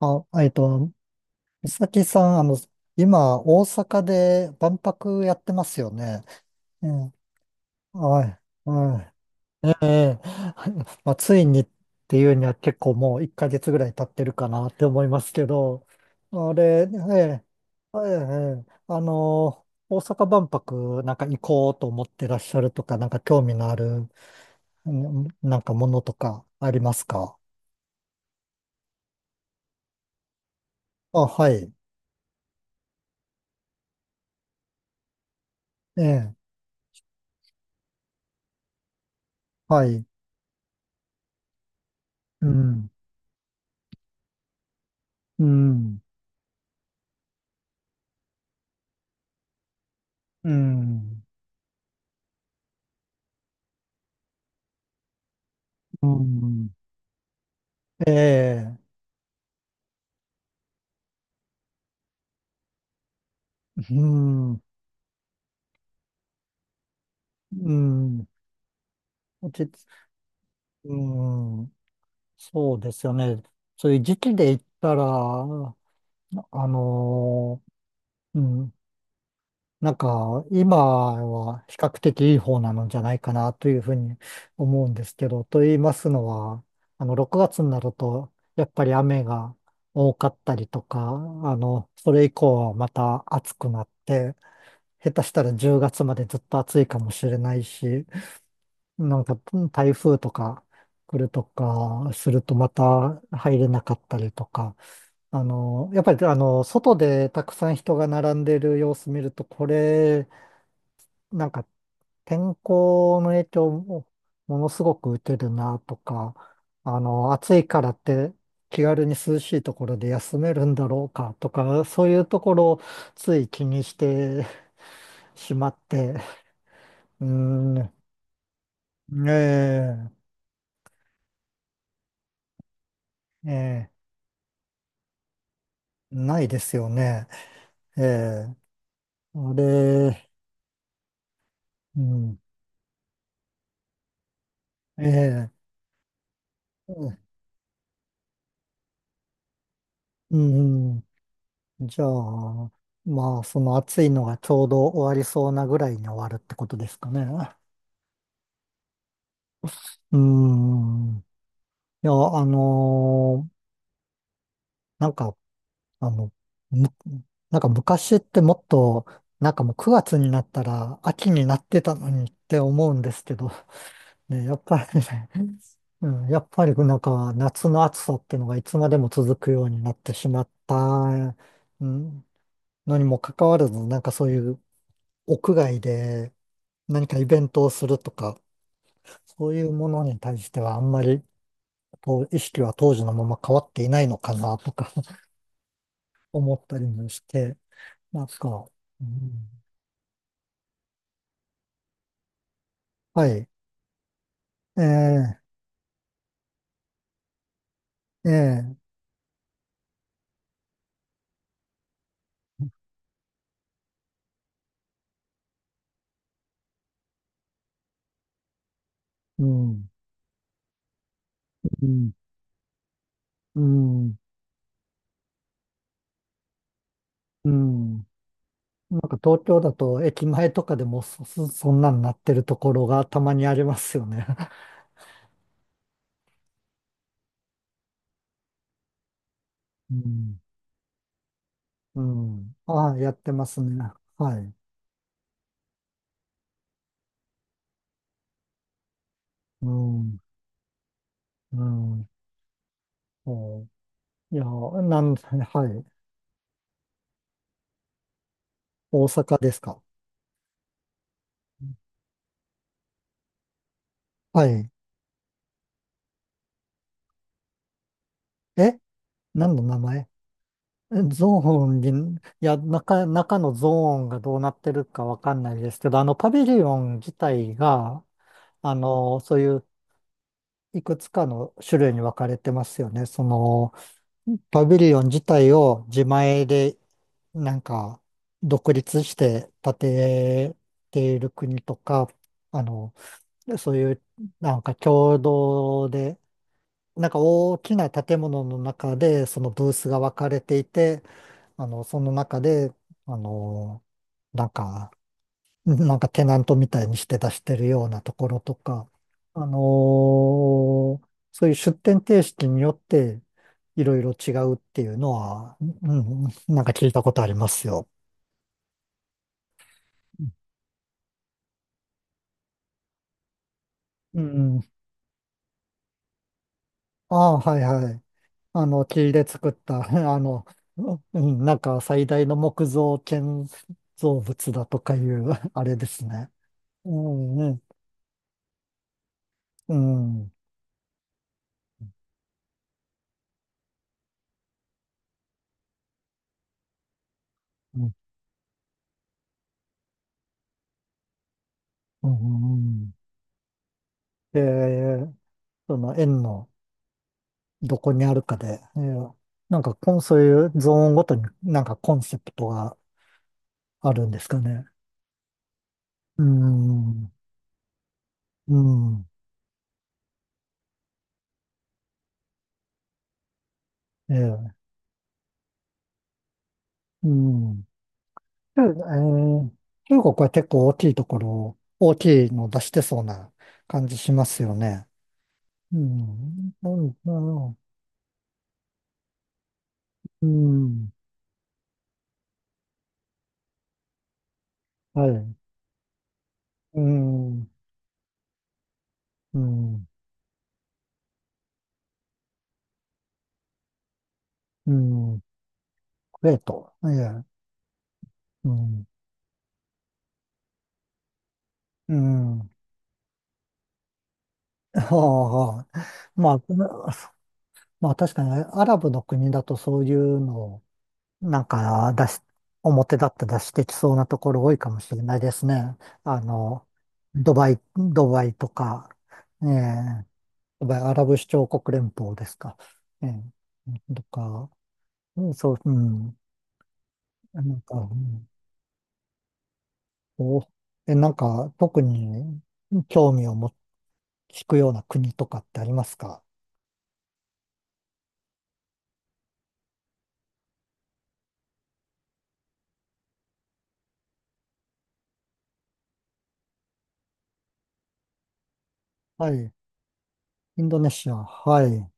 あ、えっと、美咲さん、今、大阪で万博やってますよね。うん、はい、はい。まあ、ついにっていうには結構もう1ヶ月ぐらい経ってるかなって思いますけど、あれ、ええ、ええ、あの、大阪万博なんか行こうと思ってらっしゃるとか、なんか興味のある、うんなんかものとかありますか？あ、はい、ええ、はい、うん、うん、うん。うん、ええ、うん、うん、落ち着、うん、そうですよね。そういう時期で言ったら、のうん、なんか、今は比較的いい方なのじゃないかなというふうに思うんですけど、と言いますのは、あの、6月になると、やっぱり雨が多かったりとか、あの、それ以降はまた暑くなって、下手したら10月までずっと暑いかもしれないし、なんか台風とか来るとかするとまた入れなかったりとか、あの、やっぱりあの、外でたくさん人が並んでる様子見ると、これ、なんか天候の影響もものすごく受けるなとか、あの、暑いからって気軽に涼しいところで休めるんだろうかとか、そういうところをつい気にしてしまって、うん、ねえ、ええ、ないですよね。ええ、あれ、うん、ええ、うん、うん、じゃあ、まあ、その暑いのがちょうど終わりそうなぐらいに終わるってことですかね。うん、いや、なんか、あの、む、なんか昔ってもっと、なんかもう9月になったら秋になってたのにって思うんですけど、ね、やっぱりね、うん、やっぱりなんか夏の暑さっていうのがいつまでも続くようになってしまった、うん、のにもかかわらず、なんかそういう屋外で何かイベントをするとか、そういうものに対してはあんまりこう意識は当時のまま変わっていないのかなとか 思ったりもして、なんか、うん、はい、ええ、ええ、うん、うん、うん、うん。なんか東京だと駅前とかでもそんなんなってるところがたまにありますよね。うん。うん。ああ、やってますね。はい。うん。うん。お、いや、なん、はい。大阪ですか。はい。え、何の名前？え、ゾーンに、いや、中のゾーンがどうなってるかわかんないですけど、あの、パビリオン自体が、あの、そういういくつかの種類に分かれてますよね。その、パビリオン自体を自前でなんか独立して建てている国とか、あの、そういうなんか共同で、なんか大きな建物の中でそのブースが分かれていて、あの、その中で、あの、なんか、なんかテナントみたいにして出してるようなところとか、あのーそういう出店形式によっていろいろ違うっていうのは、うん、なんか聞いたことありますよ。うん。ああー、はいはい。あの、木で作った、あの、うん、なんか最大の木造建造物だとかいう、あれですね。うん、うん、うん、うん。うん、うん、え、その円の、どこにあるかで、えー、なんかそういうゾーンごとになんかコンセプトがあるんですかね。うーん、うん、ええ、うん。で、えー、中国は結構大きいところ、大きいの出してそうな感じしますよね。うん、うん、うん、うん、はい、うん、うん、うん、クウェート、えー、うん、うん。はあはあ。まあ、まあ確かにね、アラブの国だとそういうのをなんか出し、表だって出してきそうなところ多いかもしれないですね。あの、ドバイとか、ええ、ドバイ、アラブ首長国連邦ですか。ええとか、うん、そう、うん、なんか、うん、こう、え、なんか特に興味を持引くような国とかってありますか？はい。インドネシア、はい。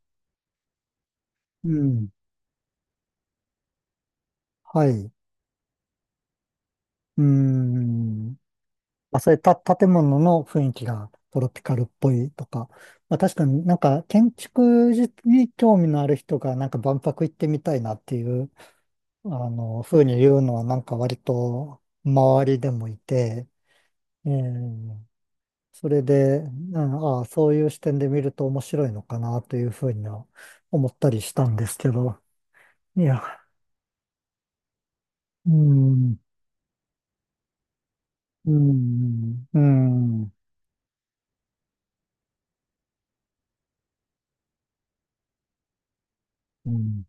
うん。はい。うーん。まあ、それ建物の雰囲気がトロピカルっぽいとか、まあ、確かになんか建築に興味のある人がなんか万博行ってみたいなっていう、あの、風に言うのはなんか割と周りでもいて、えーそれで、うん、ああ、そういう視点で見ると面白いのかなというふうには思ったりしたんですけど、いや、うん、うん、うん、うん、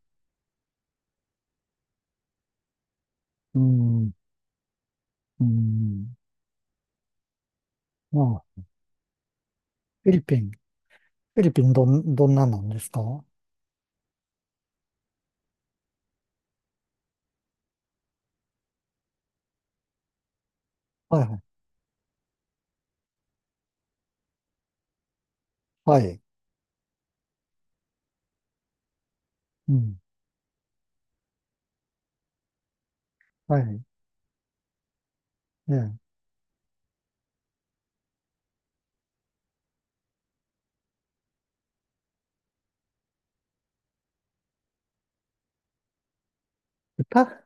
うん、うん、まあ、フィリピン。フィリピン、どんななんですか？はい、はい。はい。うん。はい。ええ。蓋が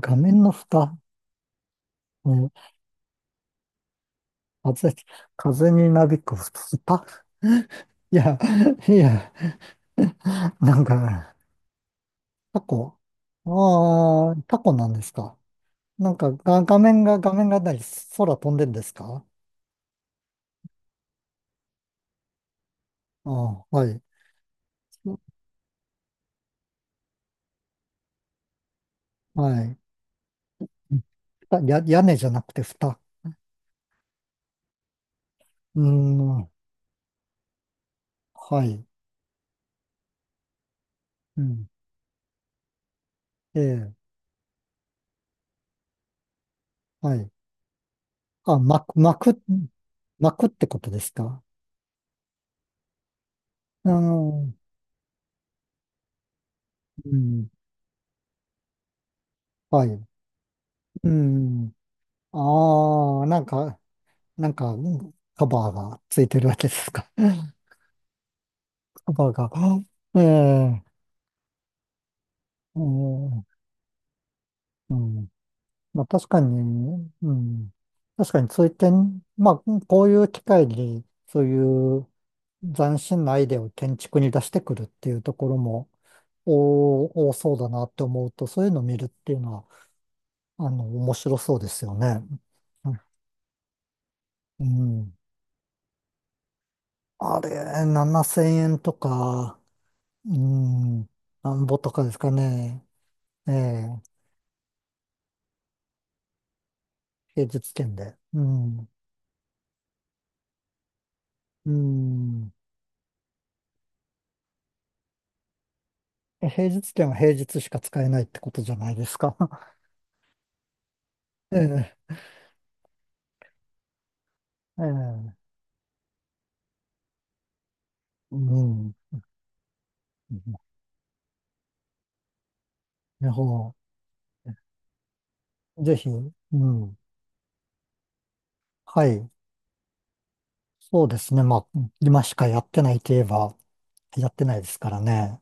画面の蓋。うん。風、風になびく蓋。いや、いや、なんか、タコ。ああ、タコなんですか。なんか、画面がない、空飛んでんですか？ああ、はい。はい。屋根じゃなくて蓋。うーん、はい。うん。ええ、はい。あ、巻くってことですか。あの、うん、はい。うん。ああ、なんか、なんか、うんカバーがついてるわけですか。カバーが。ええ、ええ、うん。まあ確かに、うん。確かにそういって、まあ、こういう機会に、そういう斬新なアイデアを建築に出してくるっていうところも、お多そうだなって思うと、そういうのを見るっていうのは、あの、面白そうですよね。うん。あれ、7000円とか、うん、なんぼとかですかね。ええ、平日券で。うん。うん。え、平日券は平日しか使えないってことじゃないですか。ええ、ええ、うん。ねほう。ぜひ、うん。はい。そうですね。まあ、今しかやってないといえば、やってないですからね。